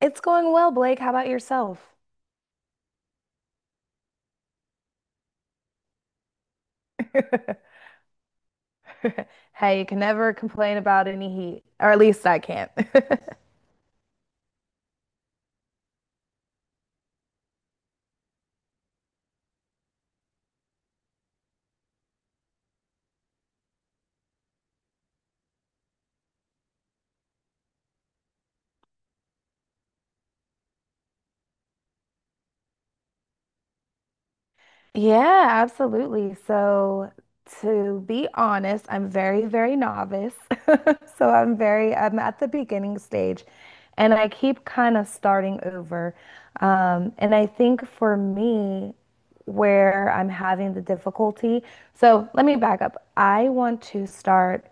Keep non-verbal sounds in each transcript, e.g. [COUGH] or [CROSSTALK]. It's going well, Blake. How about yourself? [LAUGHS] Hey, you can never complain about any heat, or at least I can't. [LAUGHS] Yeah, absolutely. So, to be honest, I'm very novice. [LAUGHS] So, I'm at the beginning stage and I keep kind of starting over. And I think for me, where I'm having the difficulty, so let me back up. I want to start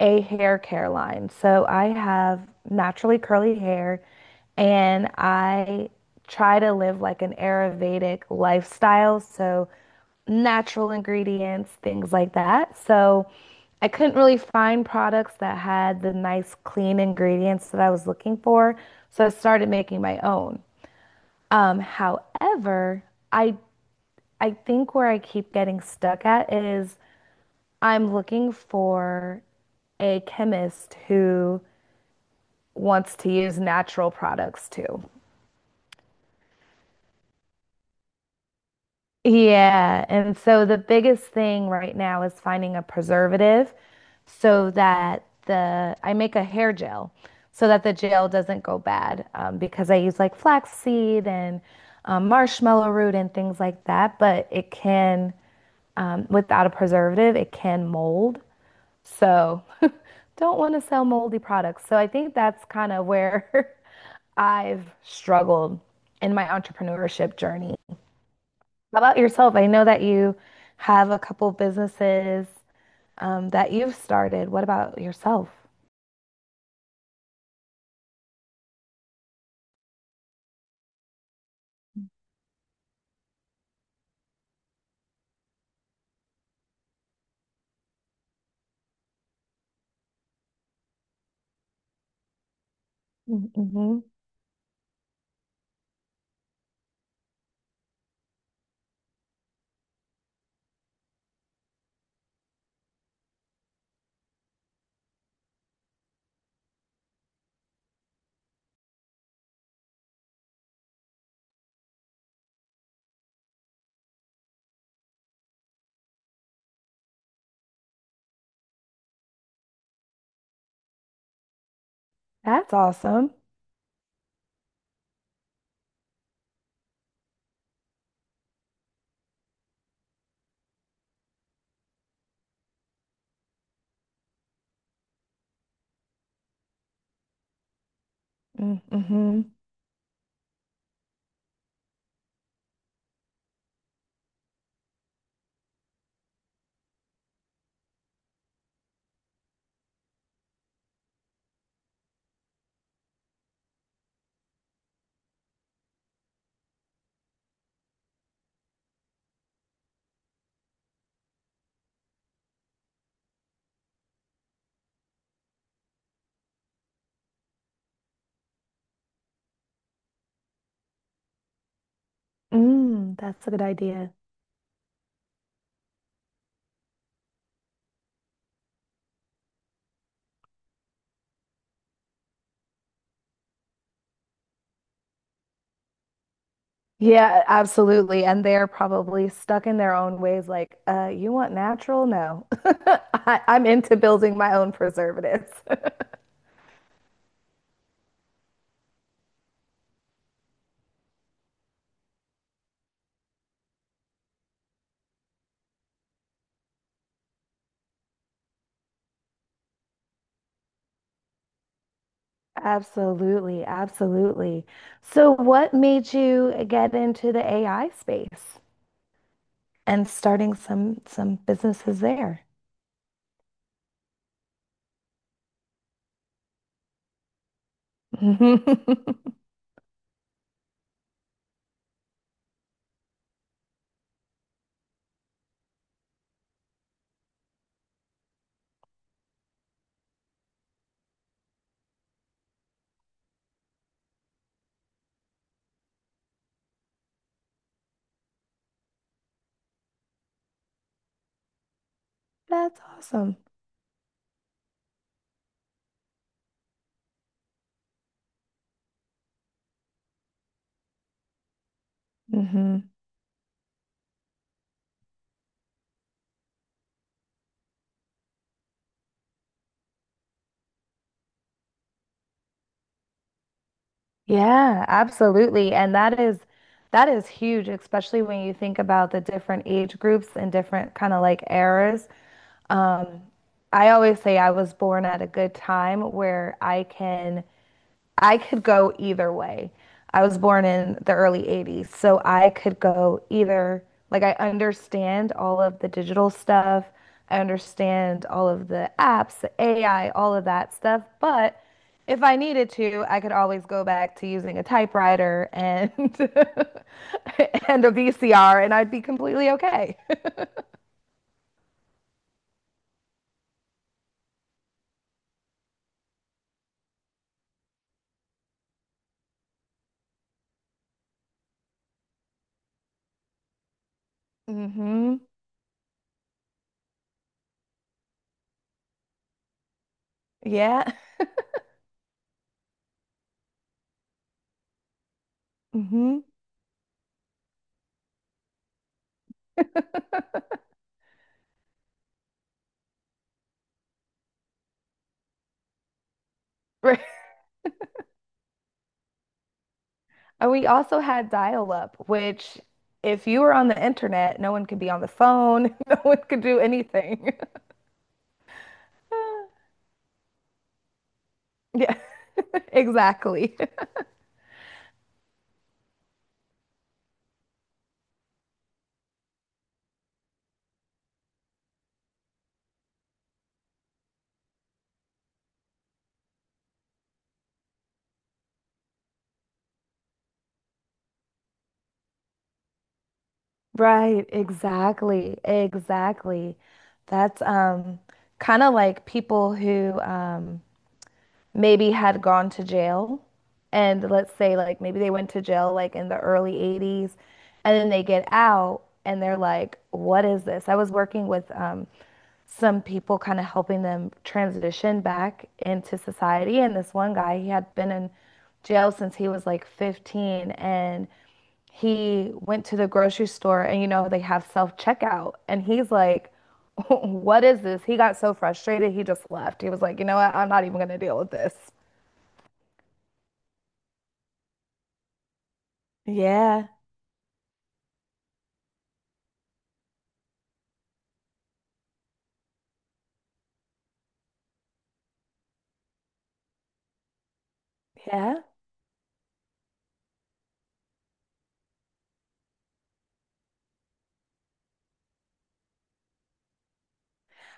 a hair care line. So I have naturally curly hair and I try to live like an Ayurvedic lifestyle. So natural ingredients, things like that. So I couldn't really find products that had the nice, clean ingredients that I was looking for. So I started making my own. However, I I think where I keep getting stuck at is I'm looking for a chemist who wants to use natural products too. Yeah, and so the biggest thing right now is finding a preservative so that the I make a hair gel so that the gel doesn't go bad, because I use like flaxseed and marshmallow root and things like that, but it can, without a preservative, it can mold. So [LAUGHS] don't want to sell moldy products. So I think that's kind of where [LAUGHS] I've struggled in my entrepreneurship journey. How about yourself? I know that you have a couple businesses, that you've started. What about yourself? Mm-hmm. That's awesome. Mm-hmm. Mm, that's a good idea. Yeah, absolutely. And they're probably stuck in their own ways, like, you want natural? No. [LAUGHS] I'm into building my own preservatives. Absolutely, absolutely. So what made you get into the AI space and starting some businesses there? [LAUGHS] That's awesome. Hmm. Yeah, absolutely. And that is huge, especially when you think about the different age groups and different kind of like eras. Um, I always say I was born at a good time where I could go either way. I was born in the early 80s, so I could go either, like, I understand all of the digital stuff, I understand all of the apps, the AI, all of that stuff, but if I needed to, I could always go back to using a typewriter and [LAUGHS] and a VCR, and I'd be completely okay. [LAUGHS] Hmm. Yeah. Hmm. [LAUGHS] And we also had dial-up, which if you were on the internet, no one could be on the phone, [LAUGHS] no one could do anything. [LAUGHS] Yeah, [LAUGHS] exactly. Right, exactly, exactly. That's kind of like people who, maybe had gone to jail. And let's say, like, maybe they went to jail like in the early 80s, and then they get out and they're like, what is this? I was working with, some people kind of helping them transition back into society. And this one guy, he had been in jail since he was like 15, and he went to the grocery store and you know they have self-checkout and he's like [LAUGHS] what is this, he got so frustrated he just left, he was like you know what, I'm not even going to deal with this. Yeah. Yeah.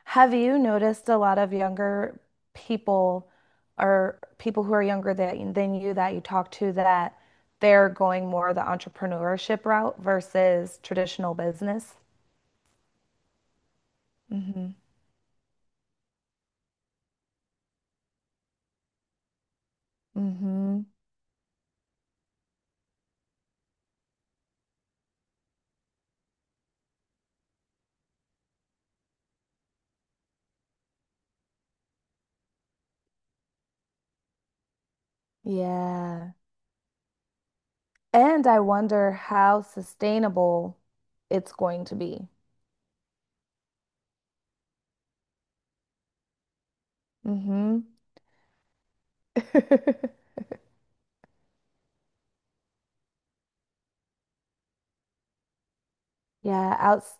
Have you noticed a lot of younger people or people who are younger that, than you that you talk to that they're going more the entrepreneurship route versus traditional business? Mm-hmm. Mm-hmm. Yeah. And I wonder how sustainable it's going to be. Hmm. [LAUGHS] Yeah, outs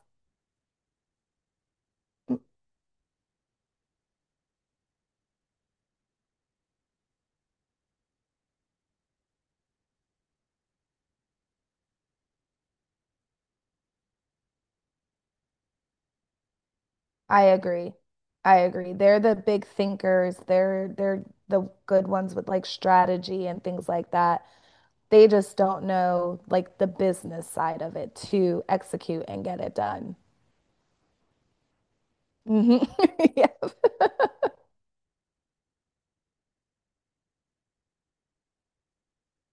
I agree. I agree. They're the big thinkers. They're the good ones with like strategy and things like that. They just don't know like the business side of it to execute and get it done. Hmm. [LAUGHS] Yeah.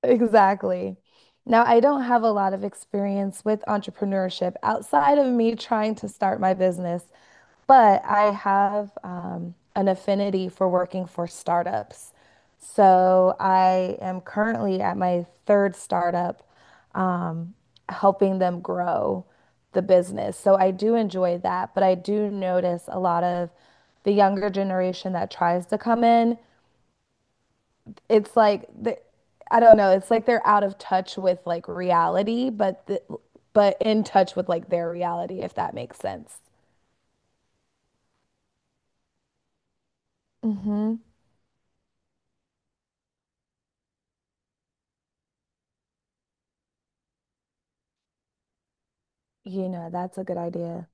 Exactly. Now, I don't have a lot of experience with entrepreneurship outside of me trying to start my business, but I have, an affinity for working for startups. So I am currently at my third startup, um, helping them grow the business. So I do enjoy that, but I do notice a lot of the younger generation that tries to come in, it's like I don't know, it's like they're out of touch with like reality, but but in touch with like their reality, if that makes sense. Mm-hmm. You know, that's a good idea.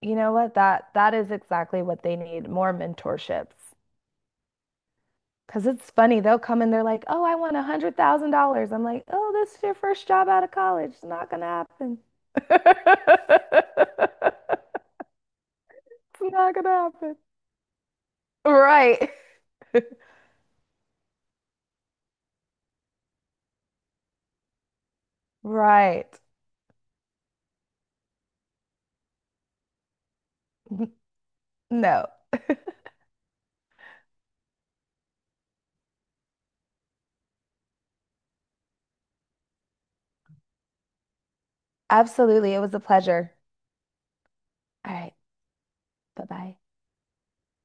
You know what? That is exactly what they need, more mentorships. Because it's funny, they'll come and they're like, "Oh, I want $100,000." I'm like, "Oh, this is your first job out of college. It's not gonna happen. [LAUGHS] It's not gonna happen." Right. Right. [LAUGHS] No. Absolutely. It was a pleasure. All right. Bye bye.